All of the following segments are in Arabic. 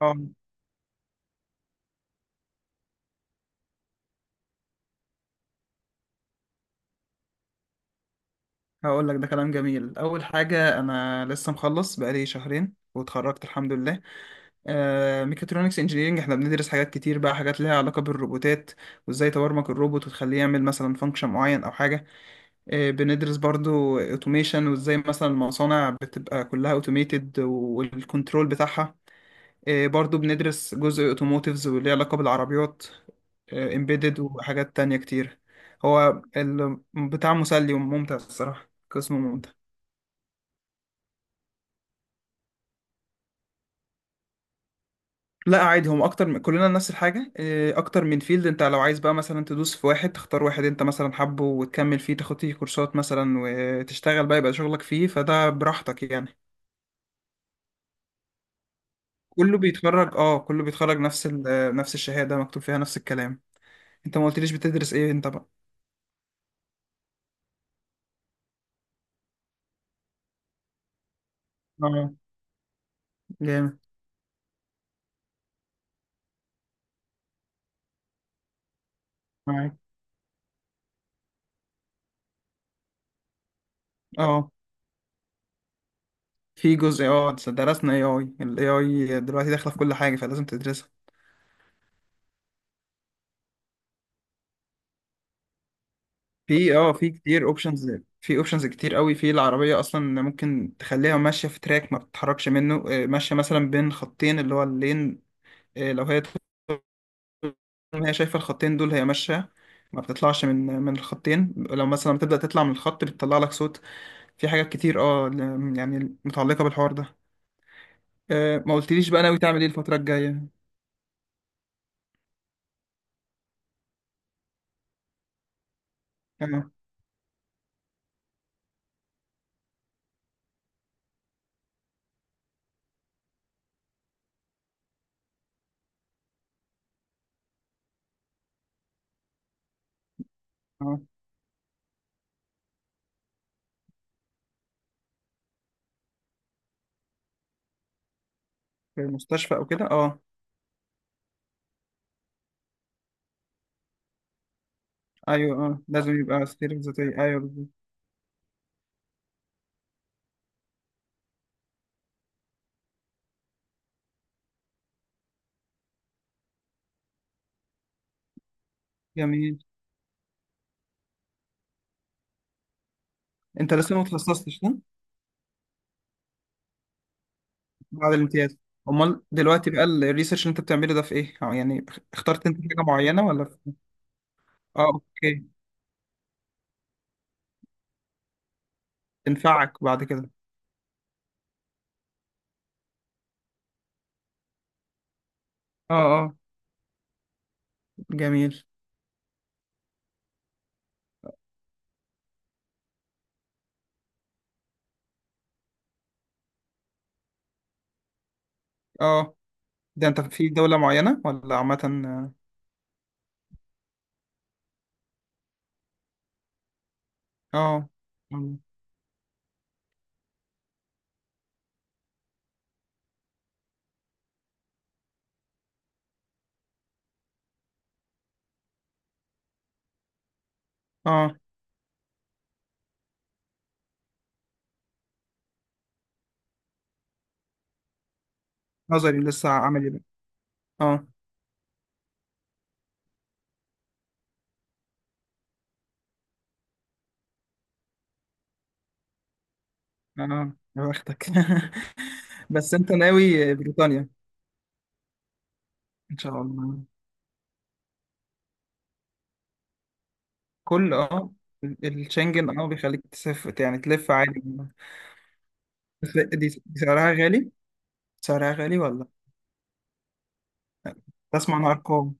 اه هقول لك ده كلام جميل. اول حاجه، انا لسه مخلص بقالي شهرين واتخرجت الحمد لله. ميكاترونكس انجينيرنج احنا بندرس حاجات كتير بقى، حاجات ليها علاقه بالروبوتات وازاي تبرمج الروبوت وتخليه يعمل مثلا فانكشن معين او حاجه. بندرس برضو اوتوميشن وازاي مثلا المصانع بتبقى كلها اوتوميتد والكنترول بتاعها. إيه، برضو بندرس جزء اوتوموتيفز واللي ليه علاقة بالعربيات، امبيدد وحاجات تانية كتير. هو بتاع مسلي وممتع الصراحة، قسم ممتع. لا عادي، هم اكتر، من كلنا نفس الحاجة. إيه، اكتر من فيلد. انت لو عايز بقى مثلا تدوس في واحد، تختار واحد انت مثلا حابه وتكمل فيه، تاخد فيه كورسات مثلا وتشتغل بقى، يبقى شغلك فيه، فده براحتك يعني. كله بيتخرج نفس نفس الشهادة مكتوب فيها نفس الكلام. انت ما قلتليش بتدرس ايه انت بقى؟ اه، جامد. معاك. اه، في جزء، درسنا اي اي. الاي اي دلوقتي داخله في كل حاجه فلازم تدرسها. في كتير اوبشنز، في اوبشنز كتير قوي في العربيه. اصلا ممكن تخليها ماشيه في تراك ما بتتحركش منه. ماشيه مثلا بين خطين، اللي هو اللين. لو هي شايفه الخطين دول هي ماشيه، ما بتطلعش من الخطين. لو مثلا بتبدا تطلع من الخط بتطلع لك صوت. في حاجات كتير، يعني متعلقه بالحوار ده. ما قلتليش بقى ناوي تعمل ايه الفتره الجايه؟ اه اه، في المستشفى او كده اه. ايوه، اه لازم يبقى سيرة ذاتية. ايوه بالظبط. جميل. انت لسه ما اتخصصتش صح؟ بعد الامتياز. امال دلوقتي بقى الريسيرش اللي انت بتعمله ده في ايه؟ أو يعني اخترت انت حاجة معينة ولا في... اه اوكي. تنفعك بعد كده. اه اه. جميل. اه، ده انت في دولة معينة ولا عامة؟ اه اه، نظري لسه، عملي بقى. اه اه، يا بختك. بس انت ناوي بريطانيا؟ ان شاء الله. كل اه، الشنجن اه بيخليك تسافر، يعني تلف عادي. بس دي سعرها غالي، سعرها غالي ولا؟ لا. بسمع عن ارقام.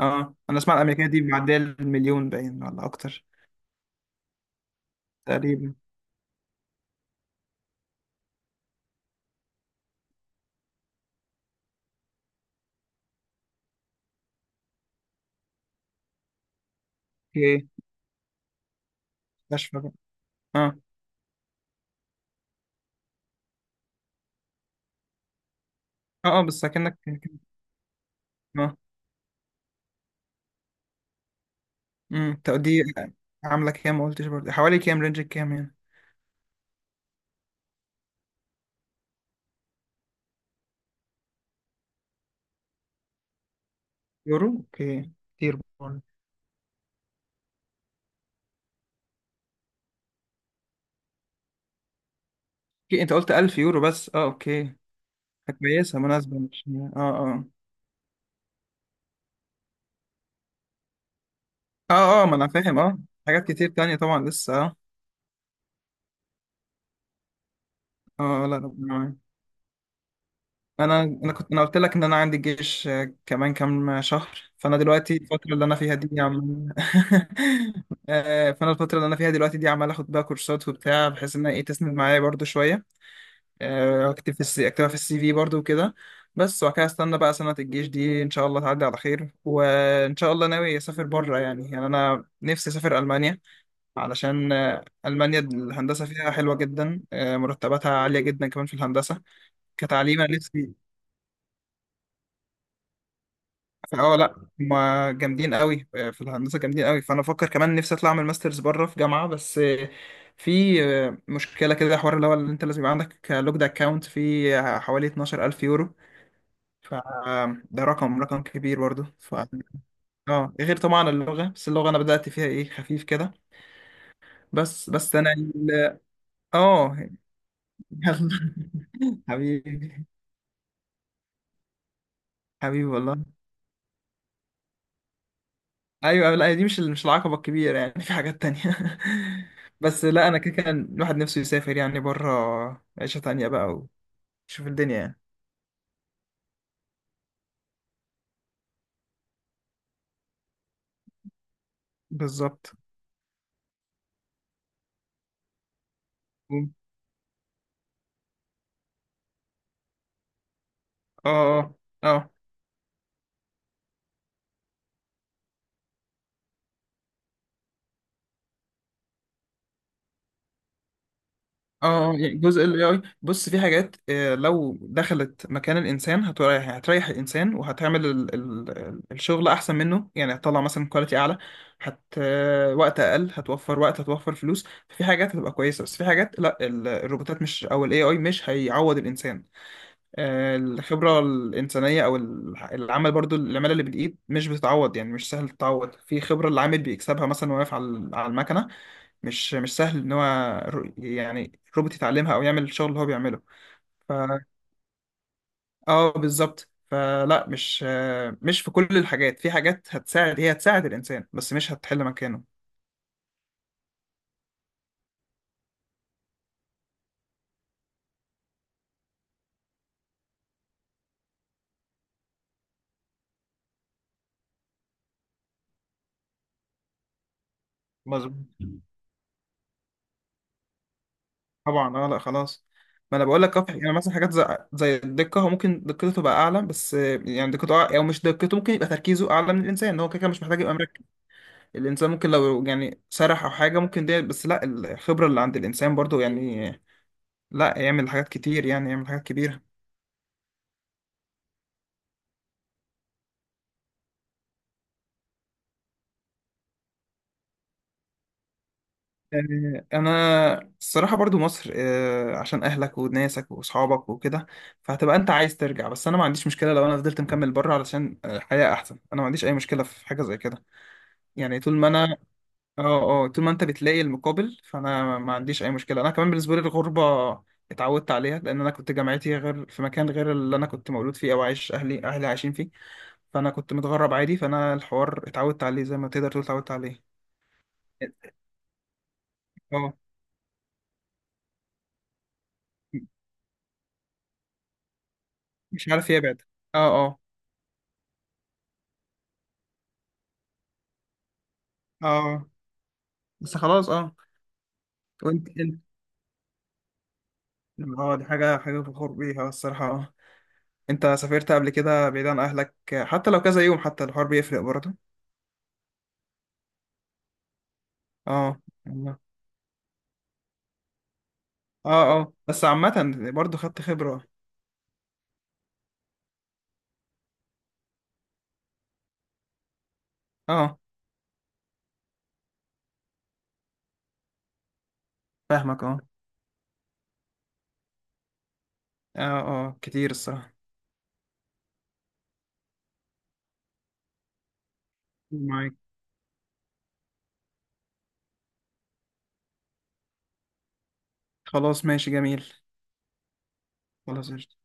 اه، انا اسمع الامريكيه دي معديه المليون، باين ولا اكتر. تقريبا. في ايه؟ مستشفى بقى. اه اه اه، بس اكنك. اه، طب دي عامله كام؟ ما قلتش برضه، حوالي كام، رينج كام يعني؟ يورو. اوكي كتير برضه. اوكي، انت قلت 1000 يورو بس، اوكي. كويسه مناسبه، مش يعني. اه اه. اه اه، ما انا فاهم اه. حاجات كتير تانية طبعا لسه اه. اه لا، ربنا معاك. انا كنت، انا قلت لك ان انا عندي جيش كمان كام شهر. فانا دلوقتي الفتره اللي انا فيها دي، عم فانا الفتره اللي انا فيها دلوقتي دي، عمال اخد بقى كورسات وبتاع، بحيث انها ايه تسند معايا برضو شويه. اكتب في السي، اكتبها في السي في برضو وكده. بس وبعد كده استنى بقى سنه الجيش دي، ان شاء الله تعدي على خير. وان شاء الله ناوي اسافر بره. يعني انا نفسي اسافر المانيا، علشان المانيا الهندسه فيها حلوه جدا. مرتباتها عاليه جدا كمان في الهندسه، كتعليم انا نفسي. اه لا، هما جامدين قوي في الهندسه، جامدين قوي، فانا بفكر كمان نفسي اطلع اعمل ماسترز بره في جامعه. بس في مشكله كده، حوار اللي هو، اللي انت لازم يبقى عندك لوجد اكونت فيه حوالي 12000 يورو. فده رقم كبير برضه. ف اه غير طبعا اللغه، بس اللغه انا بدات فيها ايه، خفيف كده. بس انا اه حبيبي، حبيبي والله. ايوه لا، دي مش العقبه الكبيره يعني، في حاجات تانية. بس لا، انا كده كان الواحد نفسه يسافر يعني بره، عيشه تانية بقى، ويشوف الدنيا يعني. بالظبط. اه اه اه اه، يعني جزء ال AI. بص في حاجات، لو دخلت مكان الانسان هتريح، هتريح الانسان وهتعمل ال الشغل احسن منه، يعني هتطلع مثلا كواليتي اعلى. هت آه، وقت اقل هتوفر، وقت هتوفر فلوس، في حاجات هتبقى كويسه. بس في حاجات لا، الروبوتات مش، او الاي اي، مش هيعوض الانسان. الخبرة الإنسانية أو العمل برضو، العمالة اللي بالإيد مش بتتعوض. يعني مش سهل تتعوض، في خبرة العامل بيكسبها مثلا وهو واقف على المكنة. مش سهل إن هو، يعني روبوت يتعلمها أو يعمل الشغل اللي هو بيعمله. ف آه بالظبط. فلا، مش في كل الحاجات. في حاجات هتساعد، هي هتساعد الإنسان بس مش هتحل مكانه. طبعا اه، لا خلاص. ما انا بقول لك، يعني مثلا حاجات زي الدقه، هو ممكن دقته تبقى اعلى، بس يعني دقته او مش دقته، ممكن يبقى تركيزه اعلى من الانسان. هو كده كده مش محتاج يبقى مركز. الانسان ممكن لو يعني سرح او حاجه ممكن، دي بس، لا الخبره اللي عند الانسان برضو يعني، لا يعمل حاجات كتير يعني، يعمل حاجات كبيره. انا الصراحه برضو مصر، عشان اهلك وناسك واصحابك وكده، فهتبقى انت عايز ترجع. بس انا ما عنديش مشكله لو انا فضلت مكمل بره، علشان الحياه احسن، انا ما عنديش اي مشكله في حاجه زي كده. يعني طول ما انا اه اه طول ما انت بتلاقي المقابل، فانا ما عنديش اي مشكله. انا كمان بالنسبه لي الغربه اتعودت عليها، لان انا كنت جامعتي غير في مكان غير اللي انا كنت مولود فيه او عايش اهلي عايشين فيه، فانا كنت متغرب عادي، فانا الحوار اتعودت عليه زي ما تقدر تقول، اتعودت عليه. اه، مش عارف يبعد. اه اه اه، بس خلاص اه. وانت، اه دي حاجه فخور بيها الصراحه اه. انت سافرت قبل كده بعيد عن اهلك، حتى لو كذا يوم، حتى الحوار بيفرق برضه. اه اه اه، بس عامة برضو خدت خبرة. اه فاهمك. اه اه، اه كتير الصراحة. معاك. خلاص ماشي جميل. خلاص قشطة.